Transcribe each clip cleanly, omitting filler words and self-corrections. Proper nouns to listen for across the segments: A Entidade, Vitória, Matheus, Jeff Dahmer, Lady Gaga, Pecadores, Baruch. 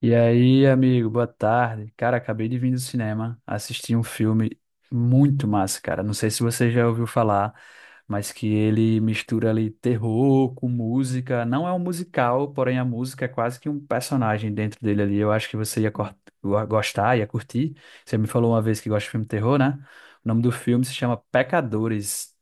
E aí, amigo, boa tarde. Cara, acabei de vir do cinema, assisti um filme muito massa, cara. Não sei se você já ouviu falar, mas que ele mistura ali terror com música. Não é um musical, porém a música é quase que um personagem dentro dele ali. Eu acho que você ia gostar, ia curtir. Você me falou uma vez que gosta de filme terror, né? O nome do filme se chama Pecadores.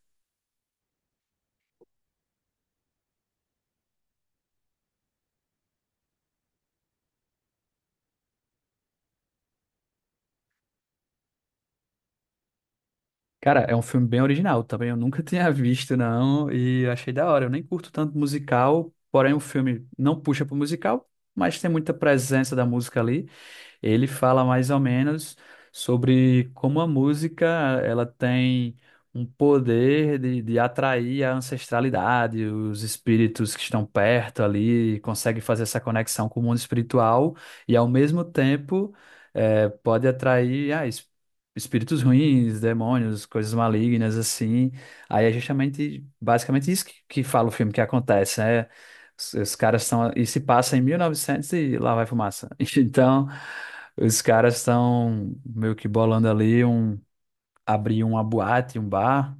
Cara, é um filme bem original também. Eu nunca tinha visto, não. E achei da hora. Eu nem curto tanto musical, porém o filme não puxa pro musical, mas tem muita presença da música ali. Ele fala mais ou menos sobre como a música ela tem um poder de atrair a ancestralidade, os espíritos que estão perto ali, consegue fazer essa conexão com o mundo espiritual e, ao mesmo tempo, pode atrair espíritos ruins, demônios, coisas malignas assim. Aí é justamente, basicamente isso que fala o filme que acontece, né? Os caras estão. E se passa em 1900 e lá vai fumaça. Então, os caras estão meio que bolando ali um, abrir uma boate, um bar,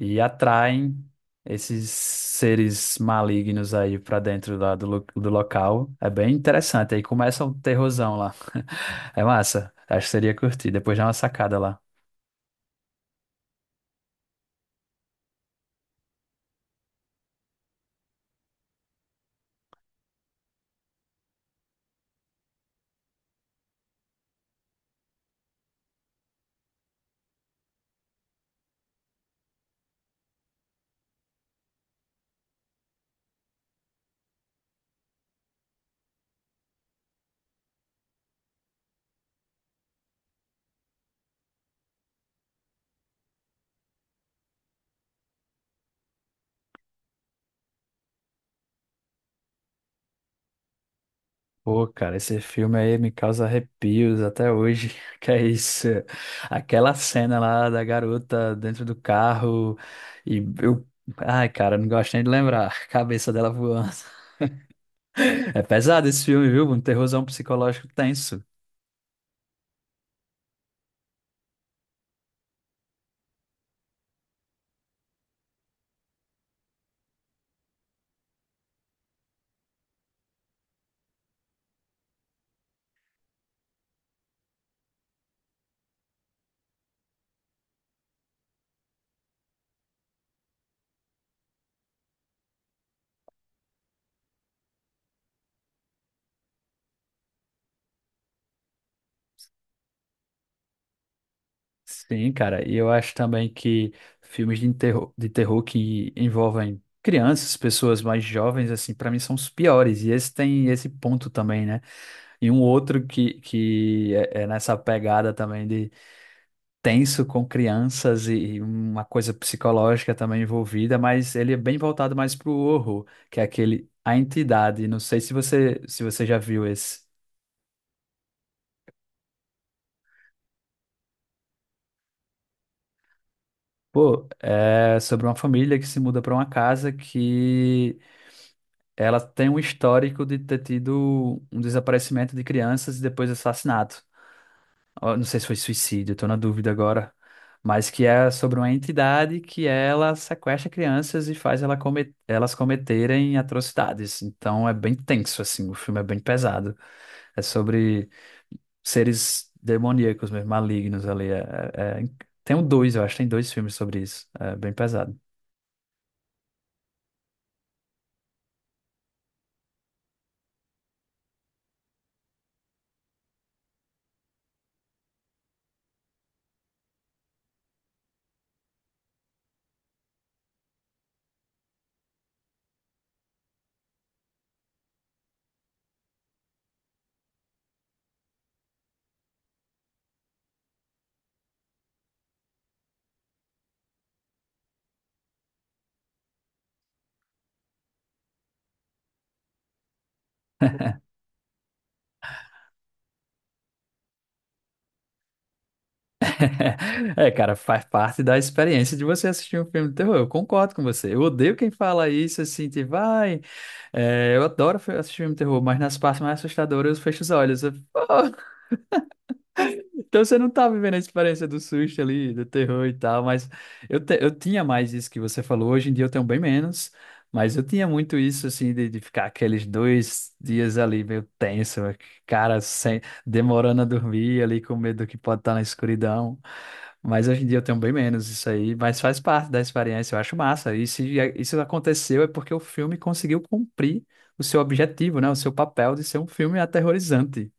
e atraem esses seres malignos aí pra dentro lá do, do local. É bem interessante. Aí começa um terrorzão lá. É massa. Acho que seria curtir. Depois dá uma sacada lá. Pô, cara, esse filme aí me causa arrepios até hoje. Que é isso? Aquela cena lá da garota dentro do carro e eu. Ai, cara, não gosto nem de lembrar. Cabeça dela voando. É pesado esse filme, viu? Um terrorzão psicológico tenso. Sim, cara, e eu acho também que filmes de terror, que envolvem crianças, pessoas mais jovens, assim, pra mim são os piores. E esse tem esse ponto também, né? E um outro que é, é nessa pegada também, tenso com crianças e uma coisa psicológica também envolvida, mas ele é bem voltado mais pro horror, que é aquele A Entidade. Não sei se você já viu esse. Pô, é sobre uma família que se muda para uma casa que ela tem um histórico de ter tido um desaparecimento de crianças e depois assassinato. Ó, não sei se foi suicídio, tô na dúvida agora, mas que é sobre uma entidade que ela sequestra crianças e faz elas cometerem atrocidades. Então é bem tenso, assim, o filme é bem pesado. É sobre seres demoníacos mesmo, malignos ali. É- é Tem um dois, eu acho, tem dois filmes sobre isso. É bem pesado. É, cara, faz parte da experiência de você assistir um filme de terror. Eu concordo com você. Eu odeio quem fala isso assim, tipo, vai. É, eu adoro assistir filme de terror, mas nas partes mais assustadoras eu fecho os olhos. Eu, "Pô!" Então você não tá vivendo a experiência do susto ali, do terror e tal, mas eu tinha mais isso que você falou, hoje em dia eu tenho bem menos, mas eu tinha muito isso assim de ficar aqueles dois dias ali meio tenso, cara, sem, demorando a dormir ali com medo do que pode estar na escuridão. Mas hoje em dia eu tenho bem menos isso aí, mas faz parte da experiência, eu acho massa. E se isso aconteceu é porque o filme conseguiu cumprir o seu objetivo, né? O seu papel de ser um filme aterrorizante.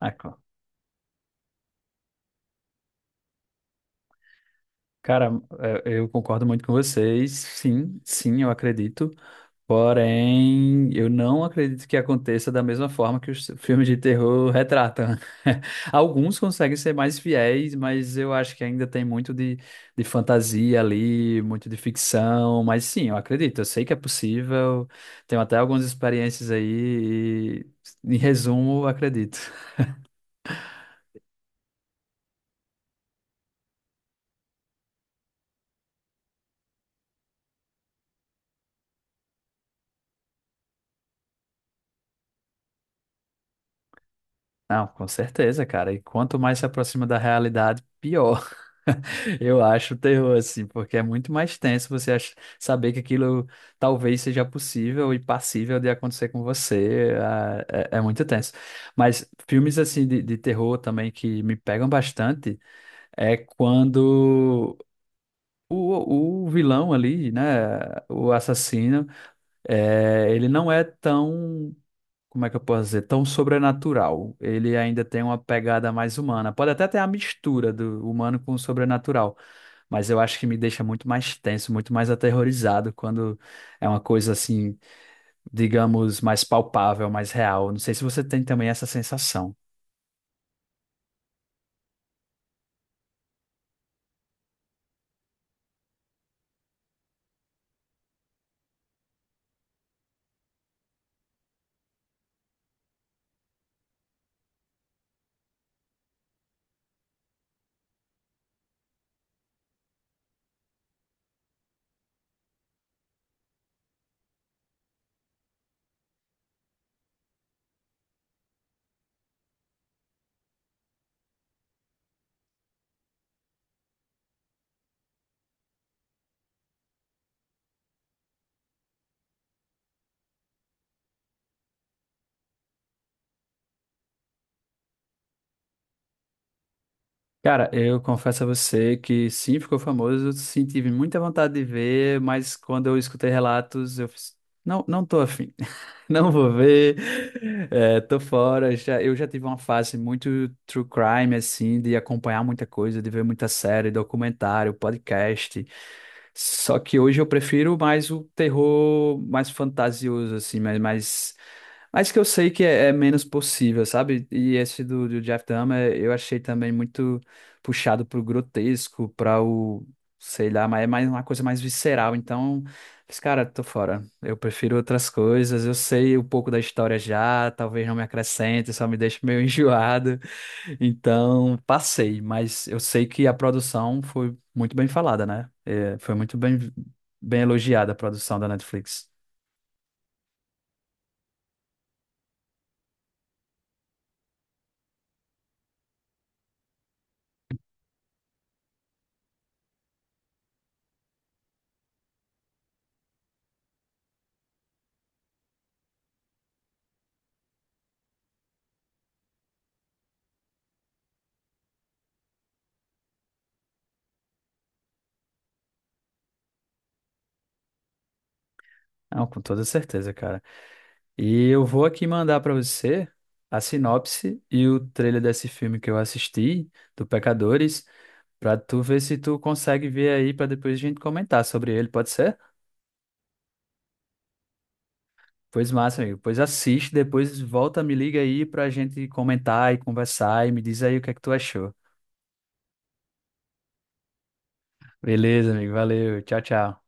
Ah, cara, é, eu concordo muito com vocês. Sim, sim, eu acredito. Porém, eu não acredito que aconteça da mesma forma que os filmes de terror retratam. Alguns conseguem ser mais fiéis, mas eu acho que ainda tem muito de fantasia ali, muito de ficção. Mas sim, eu acredito. Eu sei que é possível. Tenho até algumas experiências aí. E, em resumo, eu acredito. Não, com certeza, cara. E quanto mais se aproxima da realidade, pior. Eu acho o terror, assim, porque é muito mais tenso você saber que aquilo talvez seja possível e passível de acontecer com você. É, é muito tenso. Mas filmes, assim, de terror também que me pegam bastante é quando o vilão ali, né, o assassino, ele não é tão, como é que eu posso dizer, tão sobrenatural. Ele ainda tem uma pegada mais humana. Pode até ter a mistura do humano com o sobrenatural, mas eu acho que me deixa muito mais tenso, muito mais aterrorizado quando é uma coisa assim, digamos, mais palpável, mais real. Não sei se você tem também essa sensação. Cara, eu confesso a você que sim, ficou famoso, eu senti muita vontade de ver, mas quando eu escutei relatos, eu fiz, não, não tô afim. Não vou ver. É, tô fora. Já, eu já tive uma fase muito true crime, assim, de acompanhar muita coisa, de ver muita série, documentário, podcast. Só que hoje eu prefiro mais o terror mais fantasioso, assim, mas mais, mais que eu sei que é, é menos possível, sabe? E esse do, do Jeff Dahmer eu achei também muito puxado pro grotesco, para o, sei lá, mas é mais uma coisa mais visceral. Então. Mas, cara, tô fora. Eu prefiro outras coisas. Eu sei um pouco da história já, talvez não me acrescente, só me deixe meio enjoado. Então, passei, mas eu sei que a produção foi muito bem falada, né? É, foi muito bem, bem elogiada a produção da Netflix. Não, com toda certeza, cara. E eu vou aqui mandar pra você a sinopse e o trailer desse filme que eu assisti, do Pecadores, pra tu ver se tu consegue ver aí, pra depois a gente comentar sobre ele, pode ser? Pois massa, amigo. Pois assiste, depois volta, me liga aí pra gente comentar e conversar e me diz aí o que é que tu achou. Beleza, amigo. Valeu. Tchau, tchau.